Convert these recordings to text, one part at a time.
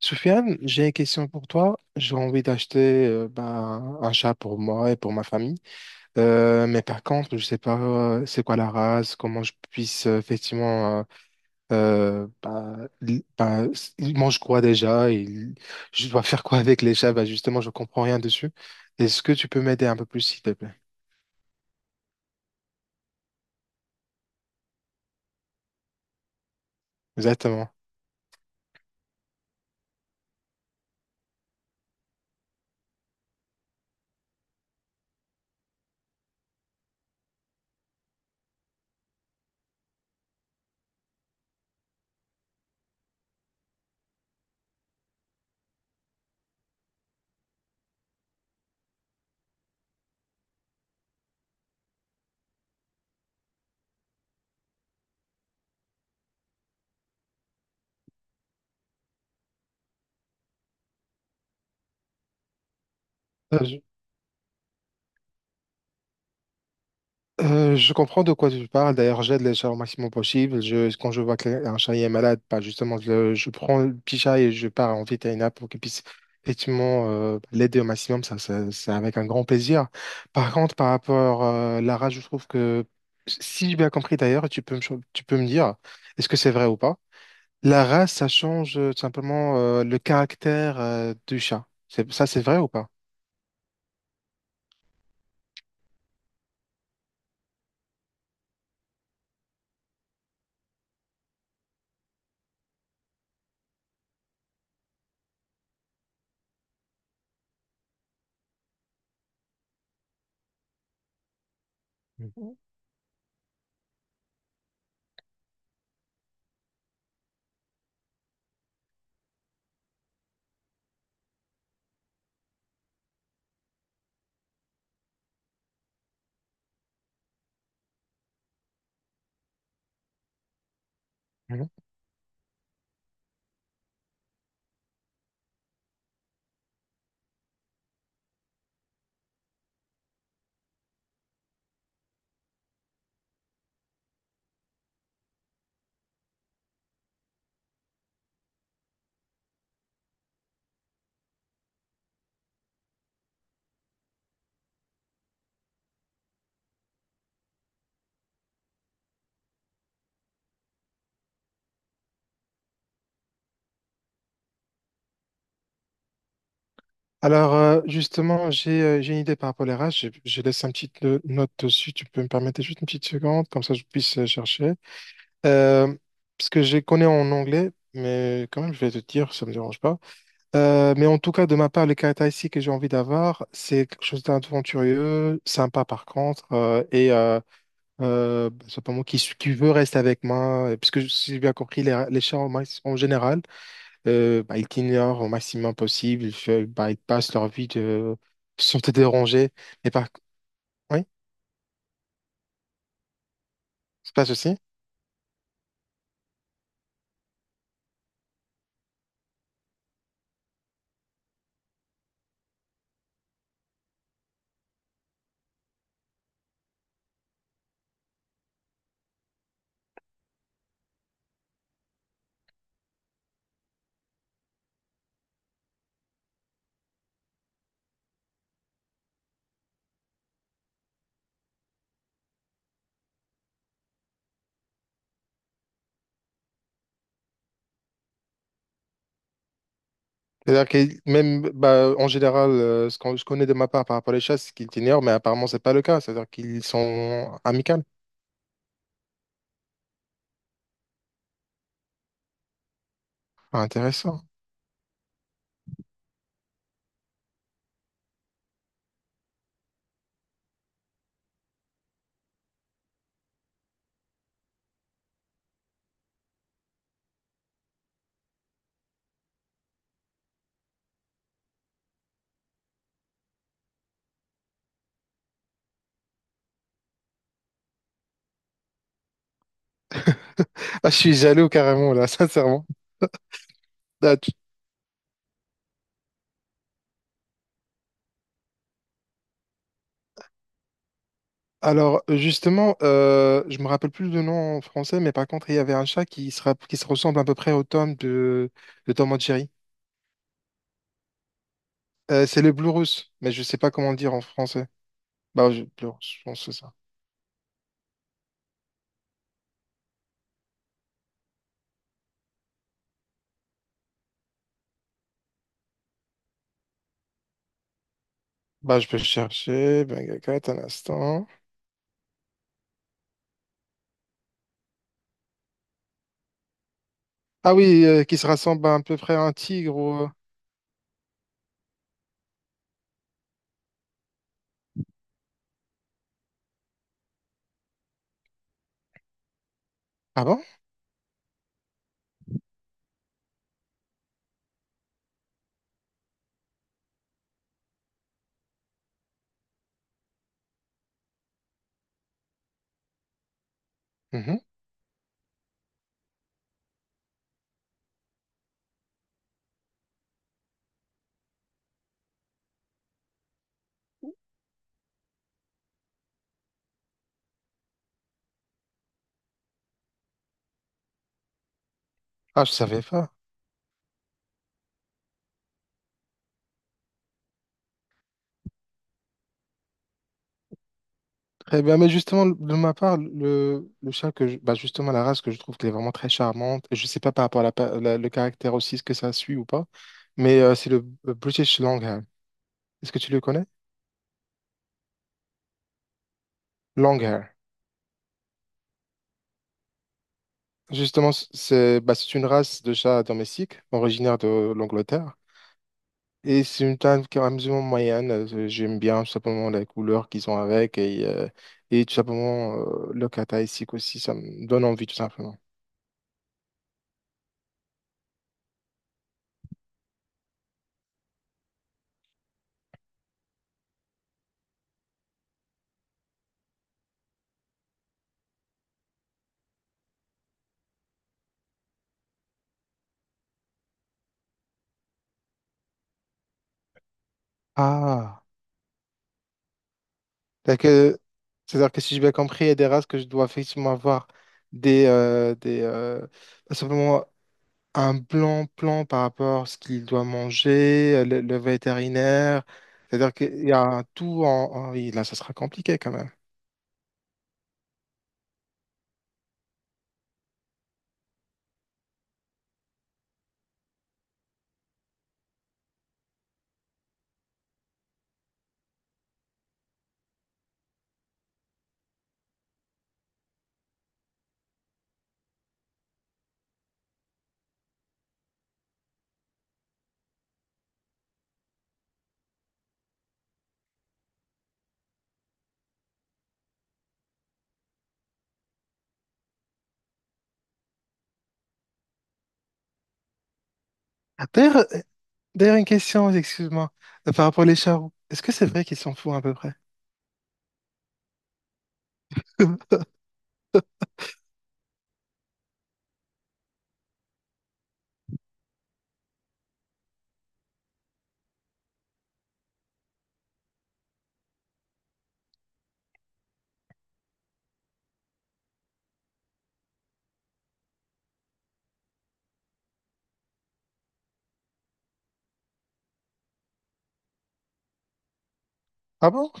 Soufiane, j'ai une question pour toi. J'ai envie d'acheter un chat pour moi et pour ma famille. Mais par contre, je ne sais pas c'est quoi la race, comment je puisse effectivement... il mange quoi déjà? Je dois faire quoi avec les chats? Ben, justement, je ne comprends rien dessus. Est-ce que tu peux m'aider un peu plus, s'il te plaît? Exactement. Je comprends de quoi tu parles. D'ailleurs, j'aide les chats au maximum possible. Quand je vois qu'un chat est malade, pas justement, je prends le petit chat et je pars en vétérinaire pour qu'il puisse effectivement l'aider au maximum. Ça, c'est avec un grand plaisir. Par contre, par rapport à la rage, je trouve que, si j'ai bien compris d'ailleurs, tu peux me, tu peux me dire, est-ce que c'est vrai ou pas? La race, ça change tout simplement le caractère du chat. Ça, c'est vrai ou pas? Mhm. Mhm. Alors, justement, j'ai une idée par rapport à la race. Je laisse une petite note dessus. Tu peux me permettre juste une petite seconde, comme ça je puisse chercher. Euh, Parce que je les connais en anglais, mais quand même, je vais te dire, ça ne me dérange pas. Mais en tout cas, de ma part, les caractéristiques que j'ai envie d'avoir, c'est quelque chose d'aventurieux, sympa par contre, simplement qui veut rester avec moi, puisque si j'ai bien compris, les chats en, en général, bah, ils t'ignorent au maximum possible, bah, ils passent leur vie de, sans te déranger. Et par... Oui, c'est passe aussi. C'est-à-dire que même bah, en général, ce que je connais de ma part par rapport à les chats, c'est qu'ils t'ignorent, mais apparemment, c'est pas le cas. C'est-à-dire qu'ils sont amicales. Ah, intéressant. Ah, je suis jaloux carrément, là, sincèrement. Ah, tu- Alors, justement, je me rappelle plus le nom en français, mais par contre, il y avait un chat qui se, qui se ressemble à peu près au Tom de Tom and Jerry. C'est le Blue Russe, mais je sais pas comment le dire en français. Bah, je, Blue, je pense que c'est ça. Bah, je peux chercher. Benga Cat, un instant. Ah oui, qui se rassemble à, un peu près à un tigre. Ah bon? Mhm. Ah, je savais pas. Très bien. Mais justement, de ma part, le chat que bah justement, la race que je trouve qu'elle est vraiment très charmante. Je sais pas par rapport à le caractère aussi, ce que ça suit ou pas. Mais c'est le British Longhair. Est-ce que tu le connais? Longhair. Justement, c'est bah, c'est une race de chat domestique originaire de l'Angleterre. Et c'est une taille qui est amusement moyenne. J'aime bien tout simplement la couleur qu'ils ont avec et tout simplement le cathaïsique aussi. Ça me donne envie tout simplement. Ah, c'est-à-dire que, c'est-à-dire que si j'ai bien compris, il y a des races que je dois effectivement avoir des pas simplement un plan par rapport à ce qu'il doit manger, le vétérinaire. C'est-à-dire qu'il y a un tout en, oui, là, ça sera compliqué quand même. Ah, d'ailleurs, d'ailleurs, une question, excuse-moi, par rapport aux charros. Est-ce que c'est vrai qu'ils s'en foutent à peu près? Ah bon?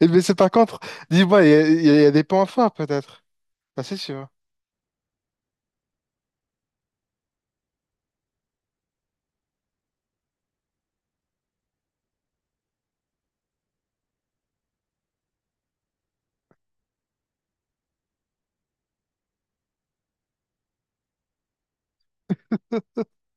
Eh bien, c'est par contre, dis-moi, il y a des points forts peut-être. Ah, c'est sûr.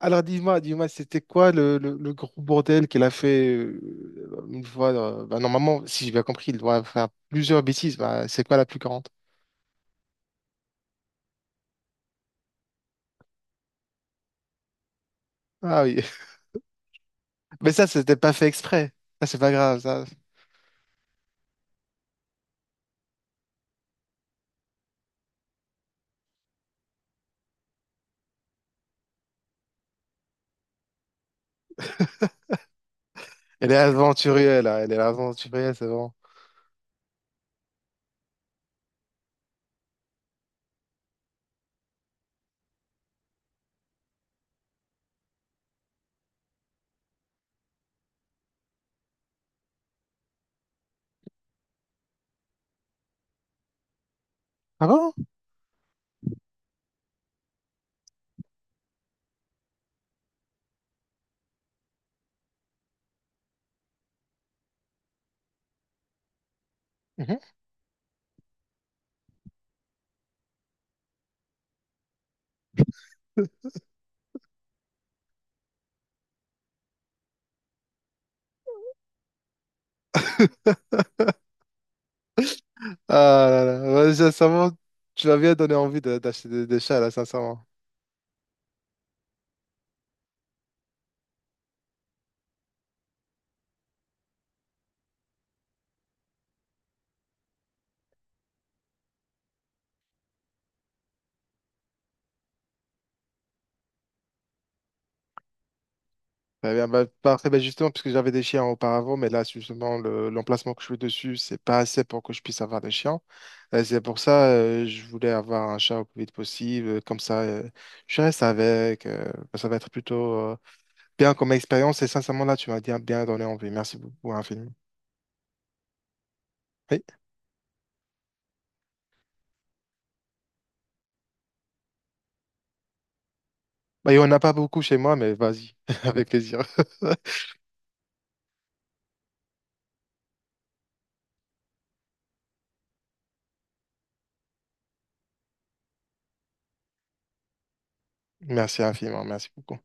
Alors dis-moi, dis-moi, c'était quoi le gros bordel qu'elle a fait une fois bah, normalement, si j'ai bien compris, il doit faire plusieurs bêtises. Bah, c'est quoi la plus grande? Ah oui, mais ça, c'était pas fait exprès. Ça, c'est pas grave, ça. Elle est aventurière, là. Elle est aventurière, c'est bon. Ah bon? Mhm. Ah là là, ouais, sincèrement, tu m'as bien donné envie d'acheter des chats, là, sincèrement. Très bien. Bah, parfait. Bah, justement, puisque j'avais des chiens auparavant, mais là, justement, l'emplacement que je suis dessus, c'est pas assez pour que je puisse avoir des chiens. C'est pour ça, je voulais avoir un chat au plus vite possible. Comme ça, je reste avec. Bah, ça va être plutôt bien comme expérience. Et sincèrement, là, tu m'as bien, bien donné envie. Merci beaucoup, infiniment. Oui. Bah, il n'y en a pas beaucoup chez moi, mais vas-y, avec plaisir. Merci infiniment. Merci beaucoup.